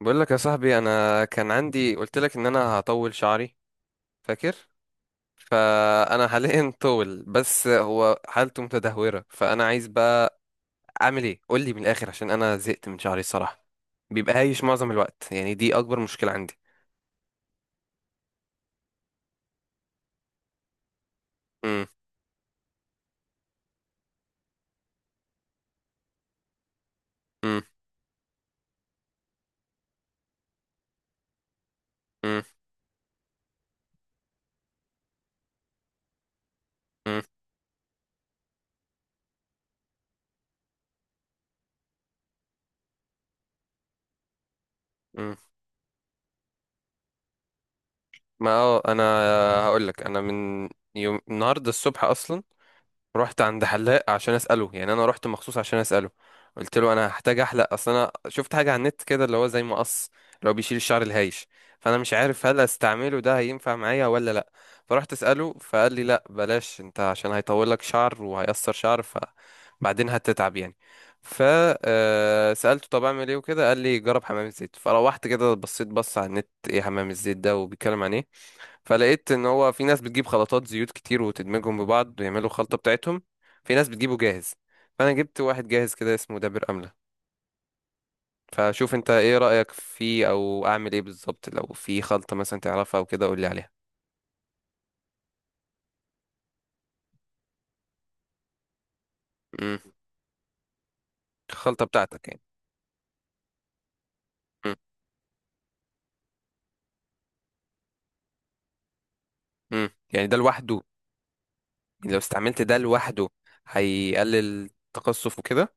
بقول لك يا صاحبي، انا كان عندي، قلت لك ان انا هطول شعري. فاكر؟ فانا حاليا طول، بس هو حالته متدهوره. فانا عايز بقى اعمل ايه؟ قول لي من الاخر عشان انا زهقت من شعري الصراحه. بيبقى هايش معظم الوقت، يعني دي اكبر مشكله عندي. امم. امم. امم. امم. ما اه انا هقول لك. انا من يوم النهارده الصبح اصلا رحت عند حلاق عشان اساله، يعني انا رحت مخصوص عشان اساله. قلت له انا هحتاج احلق، اصل انا شفت حاجه على النت كده اللي هو زي مقص، اللي هو بيشيل الشعر الهايش. فانا مش عارف هل استعمله ده هينفع معايا ولا لا. فرحت اساله، فقال لي لا بلاش انت، عشان هيطول لك شعر وهيقصر شعر، فبعدين هتتعب يعني. ف آه، سالته طب اعمل ايه وكده، قال لي جرب حمام الزيت. فروحت كده بصيت، بص على النت ايه حمام الزيت ده وبيتكلم عن ايه. فلقيت ان هو في ناس بتجيب خلطات زيوت كتير وتدمجهم ببعض ويعملوا خلطة بتاعتهم، في ناس بتجيبه جاهز. فانا جبت واحد جاهز كده اسمه دابر املة. فشوف انت ايه رأيك فيه، او اعمل ايه بالظبط لو في خلطة مثلا تعرفها او كده، قول لي عليها. امم. الخلطة بتاعتك يعني. امم. امم. يعني ده لوحده؟ يعني لو استعملت ده لوحده هيقلل التقصف وكده؟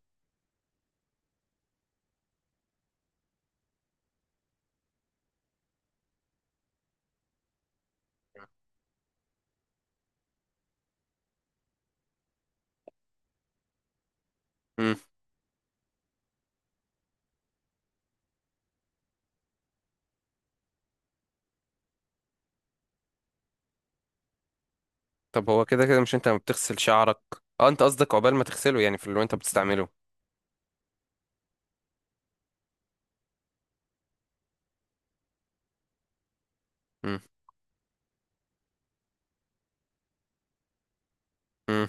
امم. طب هو كده كده مش انت ما بتغسل شعرك؟ اه انت قصدك عقبال ما تغسله، يعني في اللي انت بتستعمله. امم. امم.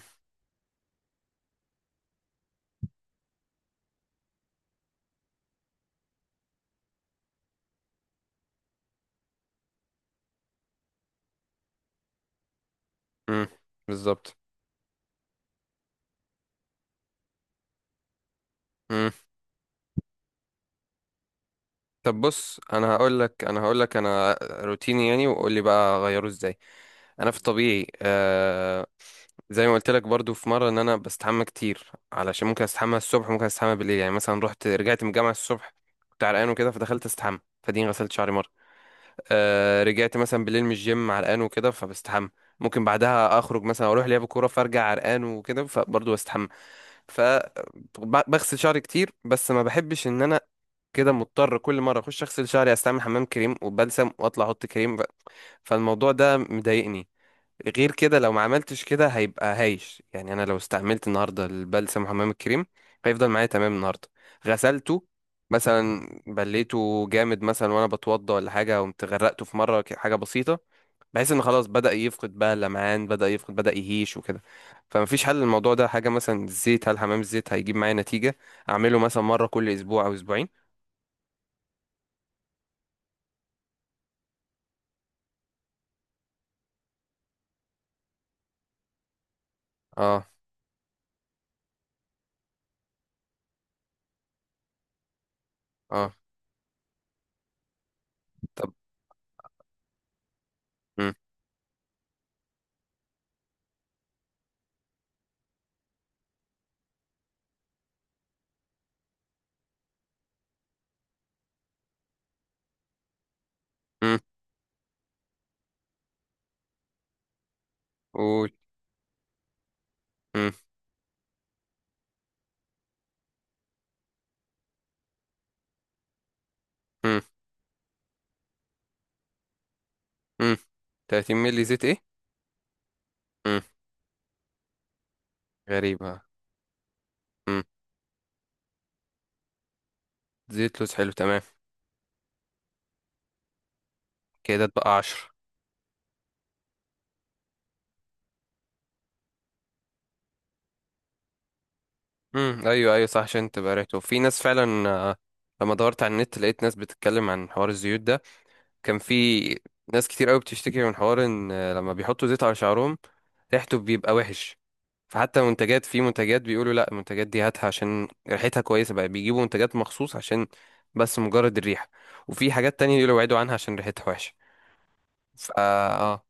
امم. بالظبط. امم. طب بص، انا هقول لك، انا هقول لك انا روتيني يعني، وقول لي بقى اغيره ازاي. انا في طبيعي، آه، زي ما قلت لك برضو في مره ان انا بستحمى كتير. علشان ممكن استحمى الصبح، ممكن استحمى بالليل. يعني مثلا رحت، رجعت من الجامعه الصبح كنت عرقان وكده فدخلت استحمى، فدين غسلت شعري مره. آه رجعت مثلا بالليل من الجيم عرقان وكده فبستحمى. ممكن بعدها اخرج مثلا اروح لعب كوره، فارجع عرقان وكده فبرضو بستحمى. ف بغسل شعري كتير، بس ما بحبش ان انا كده مضطر كل مره اخش اغسل شعري، استعمل حمام كريم وبلسم، واطلع احط كريم، فالموضوع ده مضايقني. غير كده لو ما عملتش كده هيبقى هايش. يعني انا لو استعملت النهارده البلسم وحمام الكريم، هيفضل معايا تمام النهارده. غسلته مثلا بليته جامد مثلا، وانا بتوضى ولا حاجه، قمت غرقته في مره، حاجه بسيطه، بحيث ان خلاص بدأ يفقد بقى اللمعان، بدأ يفقد، بدأ يهيش وكده. فمفيش حل للموضوع ده؟ حاجه مثلا الزيت، هل حمام الزيت هيجيب معايا نتيجه؟ اعمله مثلا مره كل اسبوع او اسبوعين؟ اه. اه. طب. مم. مم. قول. مم. مم. مم. 30 مللي زيت ايه؟ مم. غريبة. مم. زيت لوز حلو، تمام. كده اتبقى 10. مم. ايوه ايوه، صح عشان تبقى ريحته، في ناس فعلا، آه، لما دورت على النت لقيت ناس بتتكلم عن حوار الزيوت ده. كان في ناس كتير قوي بتشتكي من حوار ان آه، لما بيحطوا زيت على شعرهم ريحته بيبقى وحش. فحتى منتجات، في منتجات بيقولوا لا المنتجات دي هاتها عشان ريحتها كويسة، بقى بيجيبوا منتجات مخصوص عشان بس مجرد الريحة. وفي حاجات تانية يقولوا ابعدوا عنها عشان ريحتها وحشة. فا اه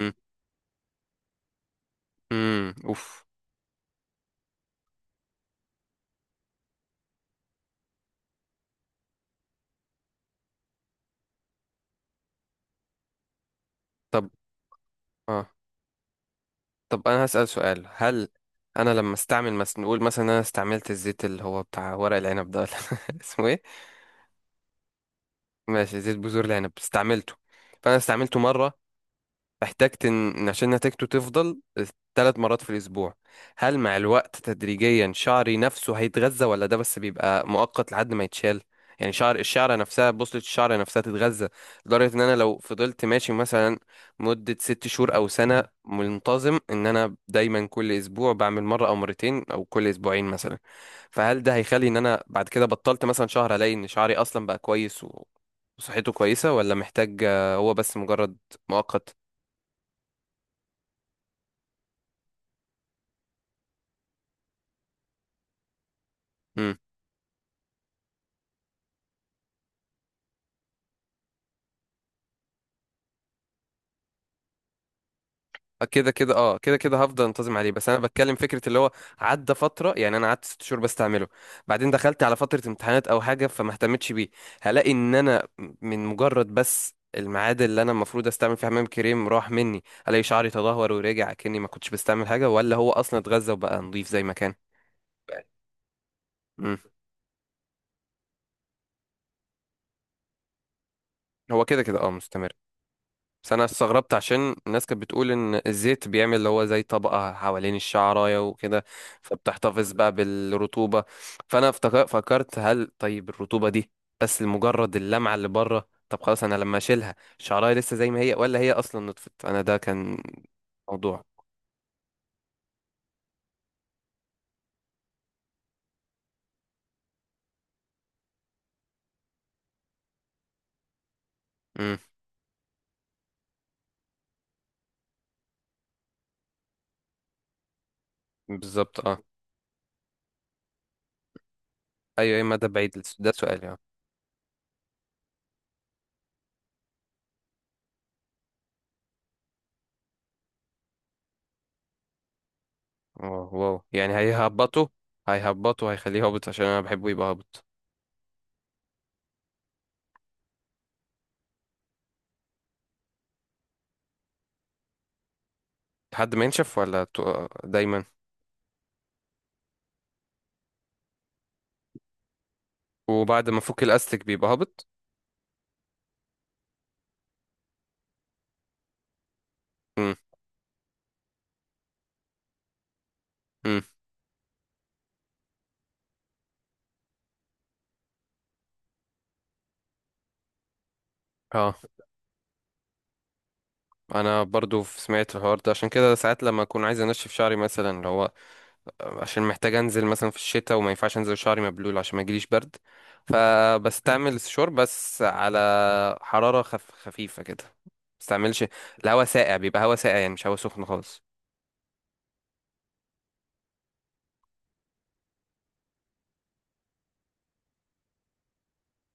مم. مم. اوف. طب اه، طب انا هسأل سؤال، هل انا لما استعمل مثلا، نقول مثلا إن انا استعملت الزيت اللي هو بتاع ورق العنب ده، ولا اسمه ايه؟ ماشي، زيت بذور العنب استعملته. فانا استعملته مرة، احتجت ان إن عشان نتيجته تفضل، 3 مرات في الاسبوع. هل مع الوقت تدريجيا شعري نفسه هيتغذى، ولا ده بس بيبقى مؤقت لحد ما يتشال؟ يعني شعر، الشعره نفسها، بوصلة الشعر نفسها تتغذى؟ لدرجة ان انا لو فضلت ماشي مثلا مدة 6 شهور او سنة، منتظم ان انا دايما كل اسبوع بعمل مرة او مرتين او كل اسبوعين مثلا، فهل ده هيخلي ان انا بعد كده بطلت مثلا شهر، الاقي ان شعري اصلا بقى كويس وصحته كويسة، ولا محتاج، هو بس مجرد مؤقت؟ امم. كده كده هفضل انتظم عليه، بس انا بتكلم فكره اللي هو عدى فتره. يعني انا قعدت 6 شهور بستعمله، بعدين دخلت على فتره امتحانات او حاجه، فما اهتمتش بيه. هلاقي ان انا من مجرد بس الميعاد اللي انا المفروض استعمل فيه حمام كريم راح مني، الاقي شعري تدهور ورجع كاني ما كنتش بستعمل حاجه، ولا هو اصلا اتغذى وبقى نظيف زي ما كان؟ امم. هو كده كده اه مستمر، بس انا استغربت عشان الناس كانت بتقول ان الزيت بيعمل اللي هو زي طبقة حوالين الشعراية وكده، فبتحتفظ بقى بالرطوبة. فانا فكرت هل طيب الرطوبة دي بس لمجرد اللمعة اللي بره؟ طب خلاص انا لما اشيلها، الشعراية لسه زي ما هي، ولا هي اصلا نطفت؟ انا ده كان موضوع. امم. بالظبط. اه ايوه، اما ده بعيد، ده سؤالي اه. واو، واو. يعني هيهبطوا؟ هيهبطوا، هيخليه هابط؟ عشان انا بحبه يبقى هابط. لحد ما ينشف ولا دايما؟ وبعد ما فك الاستك بيبقى هابط. امم. امم. اه انا برضو سمعت الحوار ده، عشان كده ساعات لما اكون عايز انشف شعري مثلا اللي هو، عشان محتاج انزل مثلا في الشتاء وما ينفعش انزل شعري مبلول عشان ما يجيليش برد، فبستعمل الشور بس على حرارة خفيفة كده. بستعملش الهواء ساقع، بيبقى هواء ساقع يعني، مش هواء سخن خالص.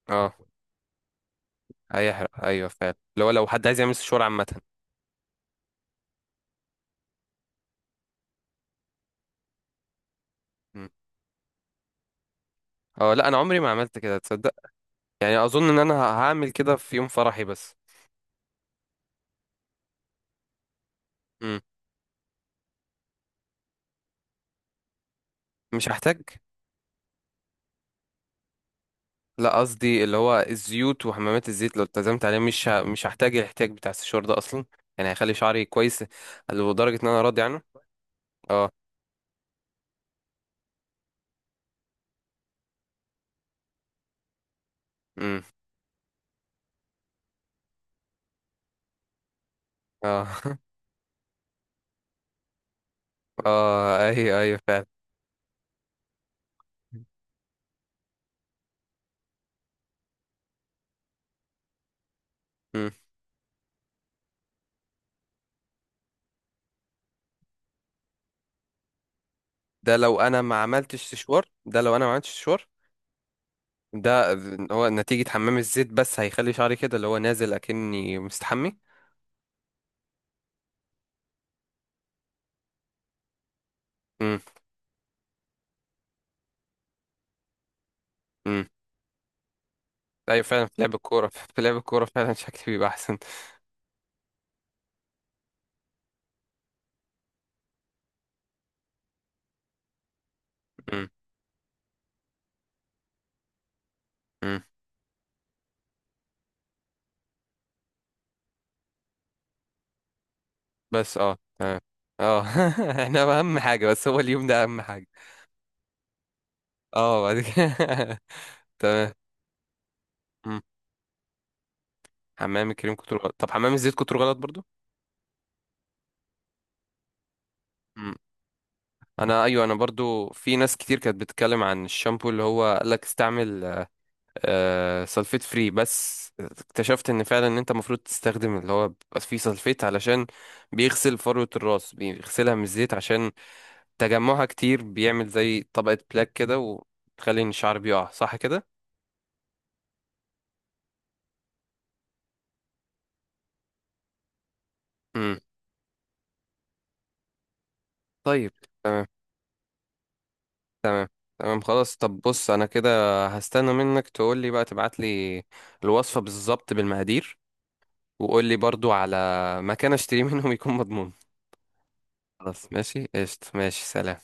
اه هيحرق، ايوه فعلا، اللي هو لو حد عايز يعمل سشوار عامة. مم. اه لا، انا عمري ما عملت كده تصدق. يعني اظن ان انا هعمل كده في يوم فرحي بس. مم. مش هحتاج. لا قصدي اللي هو الزيوت وحمامات الزيت لو التزمت عليه، مش هحتاج الاحتياج بتاع السشوار ده اصلا. يعني هيخلي شعري كويس لدرجة ان انا راضي عنه. اه. امم. اه اه ايوه ايوه فعلا. مم. ده لو انا ما عملتش سشوار، ده لو انا ما عملتش سشوار ده. هو نتيجة حمام الزيت بس هيخلي شعري كده اللي هو نازل اكني مستحمي؟ امم. امم. ايوه فعلا، في لعب الكورة في لعب الكورة فعلا شكلي بيبقى احسن. امم. امم. بس اه تمام. اه احنا اهم حاجة بس هو اليوم ده، اهم حاجة. اه بعد كده تمام. مم. حمام الكريم كتر غلط، طب حمام الزيت كتر غلط برضو؟ مم. انا ايوه، انا برضو في ناس كتير كانت بتتكلم عن الشامبو اللي هو قال لك استعمل آه سلفيت فري، بس اكتشفت ان فعلا ان انت المفروض تستخدم اللي هو بيبقى فيه سلفيت، علشان بيغسل فروة الراس، بيغسلها من الزيت، عشان تجمعها كتير بيعمل زي طبقة بلاك كده، وتخلي ان الشعر بيقع، صح كده؟ إمم. طيب. تمام، تمام خلاص. طب بص انا كده هستنى منك تقول لي بقى، تبعت لي الوصفة بالظبط بالمقادير، وقول لي برضو على مكان اشتري منهم يكون مضمون. خلاص ماشي، قشطة، ماشي، سلام.